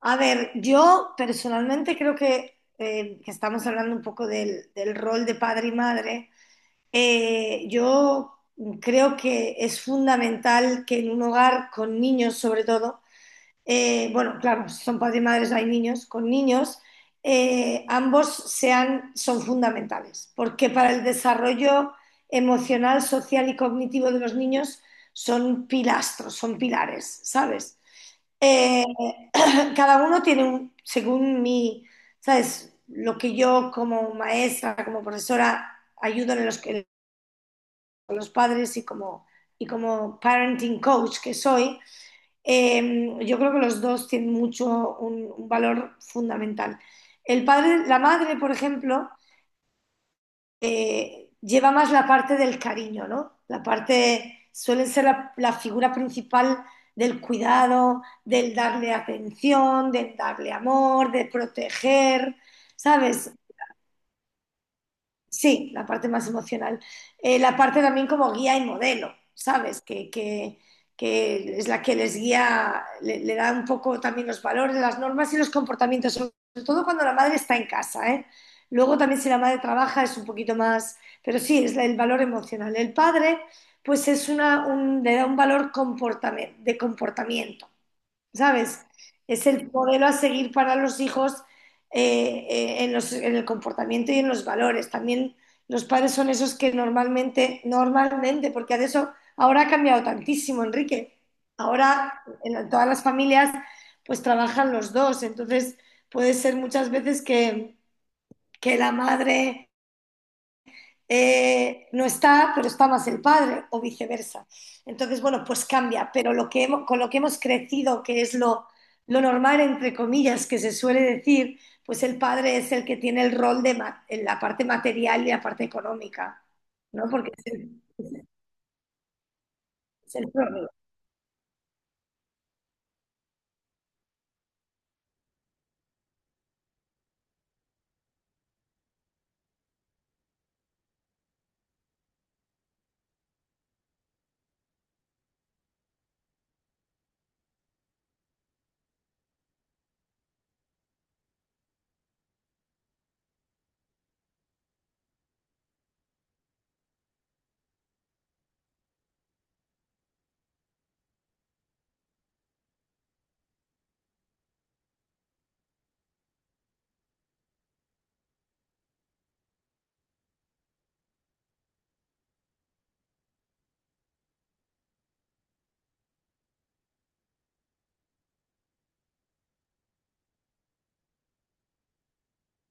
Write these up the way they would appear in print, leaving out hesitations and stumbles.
A ver, yo personalmente creo que estamos hablando un poco del rol de padre y madre. Yo creo que es fundamental que en un hogar con niños, sobre todo, bueno, claro, si son padres y madres, hay niños con niños, ambos son fundamentales, porque para el desarrollo emocional, social y cognitivo de los niños son pilastros, son pilares, ¿sabes? Eh, cada uno tiene un, según mi, ¿sabes? Lo que yo como maestra, como profesora, ayudo en en los padres y como parenting coach que soy, yo creo que los dos tienen mucho un valor fundamental. El padre, la madre, por ejemplo, lleva más la parte del cariño, ¿no? La parte suele ser la figura principal del cuidado, del darle atención, del darle amor, de proteger, ¿sabes? Sí, la parte más emocional. La parte también como guía y modelo, ¿sabes? Que es la que les guía, le da un poco también los valores, las normas y los comportamientos, sobre todo cuando la madre está en casa, ¿eh? Luego también si la madre trabaja es un poquito más, pero sí, el valor emocional. El padre, pues es una, le da un valor de comportamiento. ¿Sabes? Es el modelo a seguir para los hijos en en el comportamiento y en los valores. También los padres son esos que normalmente, porque de eso ahora ha cambiado tantísimo, Enrique. Ahora en todas las familias pues trabajan los dos, entonces puede ser muchas veces que la madre no está, pero está más el padre o viceversa. Entonces, bueno, pues cambia, pero con lo que hemos crecido, que es lo normal, entre comillas, que se suele decir, pues el padre es el que tiene el rol en la parte material y la parte económica, ¿no? Porque es es el proveedor.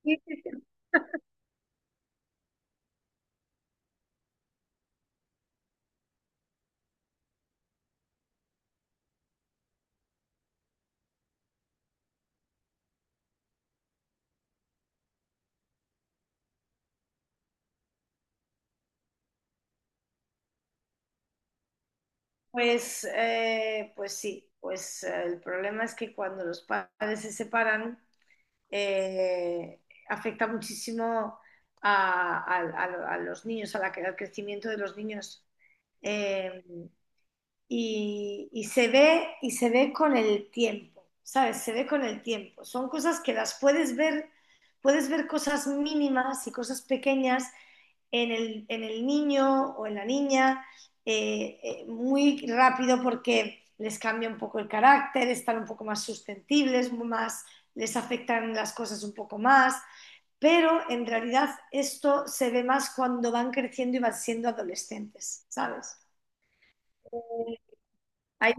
Sí, sí. Pues, pues sí, pues el problema es que cuando los padres se separan, eh, afecta muchísimo a, a los niños, a al crecimiento de los niños. Eh, y se ve con el tiempo, ¿sabes? Se ve con el tiempo. Son cosas que las puedes ver cosas mínimas y cosas pequeñas en en el niño o en la niña, muy rápido porque les cambia un poco el carácter, están un poco más susceptibles, más, les afectan las cosas un poco más, pero en realidad esto se ve más cuando van creciendo y van siendo adolescentes, ¿sabes? Eh, ahí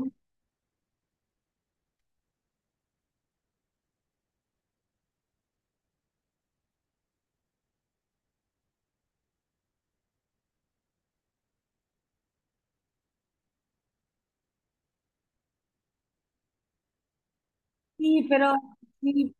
sí, pero sí,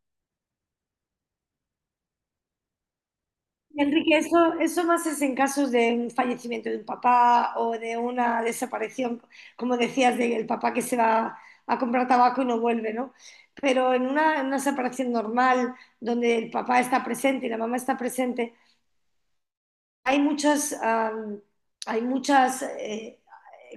Enrique, eso más es en casos de un fallecimiento de un papá o de una desaparición, como decías, del papá que se va a comprar tabaco y no vuelve, ¿no? Pero en una separación normal, donde el papá está presente y la mamá está presente, hay muchas, hay muchas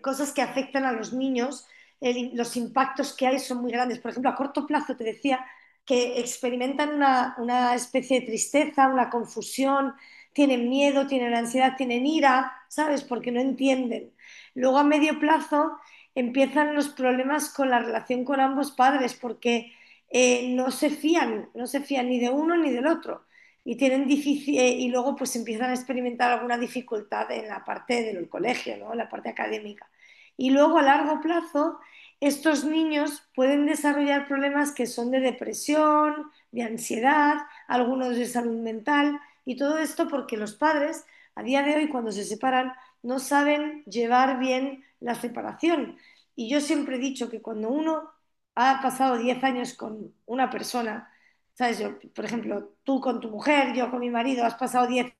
cosas que afectan a los niños, los impactos que hay son muy grandes. Por ejemplo, a corto plazo te decía que experimentan una especie de tristeza, una confusión, tienen miedo, tienen ansiedad, tienen ira, ¿sabes? Porque no entienden. Luego a medio plazo empiezan los problemas con la relación con ambos padres porque no se fían, no se fían ni de uno ni del otro y tienen difícil, y luego pues empiezan a experimentar alguna dificultad en la parte del colegio, ¿no? En la parte académica. Y luego a largo plazo, estos niños pueden desarrollar problemas que son de depresión, de ansiedad, algunos de salud mental, y todo esto porque los padres, a día de hoy, cuando se separan, no saben llevar bien la separación. Y yo siempre he dicho que cuando uno ha pasado 10 años con una persona, ¿sabes? Yo, por ejemplo, tú con tu mujer, yo con mi marido, has pasado diez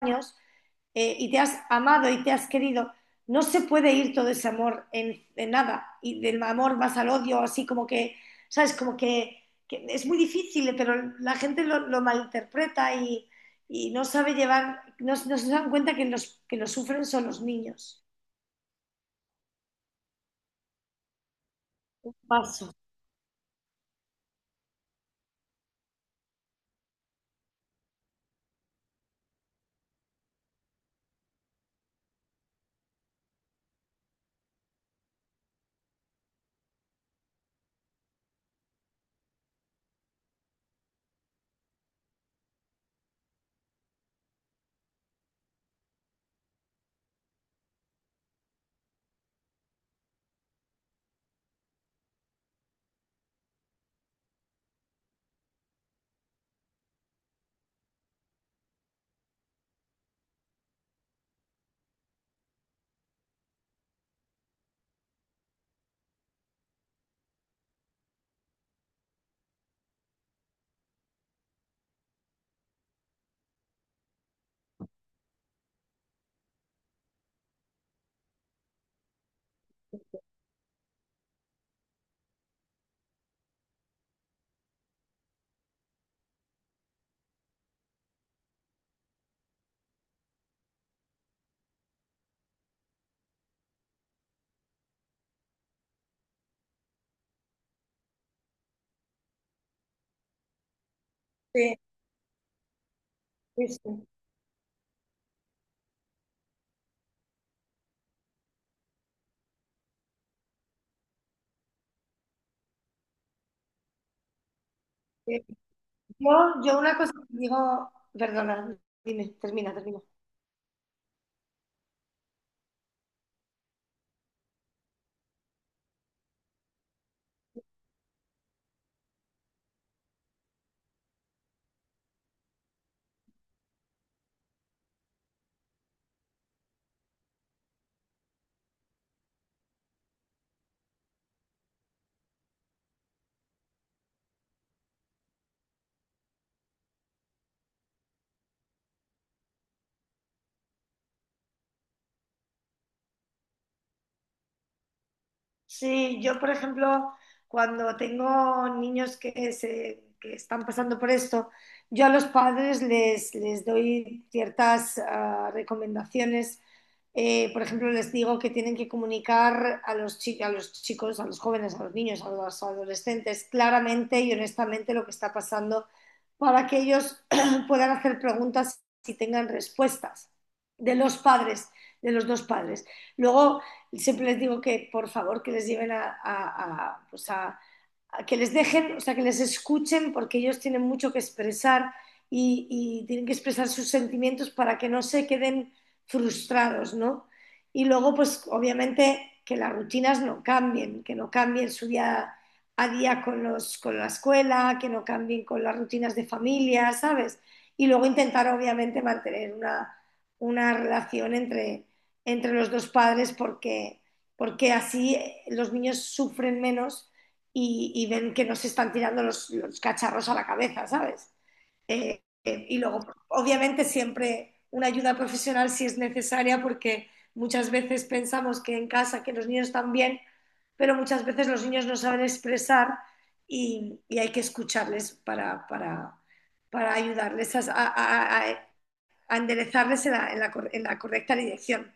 años y te has amado y te has querido. No se puede ir todo ese amor en nada. Y del amor vas al odio, así como que, ¿sabes? Como que es muy difícil, pero la gente lo malinterpreta y no sabe llevar, no, no se dan cuenta que los que lo sufren son los niños. Paso. Sí, sí, sí. Eh, yo, una cosa que digo, perdona, dime, termina, termina. Sí, yo por ejemplo, cuando tengo niños que están pasando por esto, yo a los padres les doy ciertas ah, recomendaciones, por ejemplo, les digo que tienen que comunicar a a los chicos, a los jóvenes, a los niños, a los adolescentes claramente y honestamente lo que está pasando para que ellos puedan hacer preguntas y tengan respuestas de los padres, de los dos padres. Luego, siempre les digo que por favor que les lleven a, pues a que les dejen, o sea, que les escuchen porque ellos tienen mucho que expresar y, y tienen que expresar sus sentimientos para que no se queden frustrados, ¿no? Y luego, pues obviamente que las rutinas no cambien, que no cambien su día a día con, con la escuela, que no cambien con las rutinas de familia, ¿sabes? Y luego intentar obviamente mantener una relación entre, entre los dos padres porque, porque así, los niños sufren menos y ven que no se están tirando los cacharros a la cabeza, ¿sabes? Y luego, obviamente, siempre una ayuda profesional si es necesaria, porque muchas veces pensamos que en casa, que los niños están bien, pero muchas veces los niños no saben expresar y hay que escucharles para ayudarles a- a enderezarles en en la correcta dirección.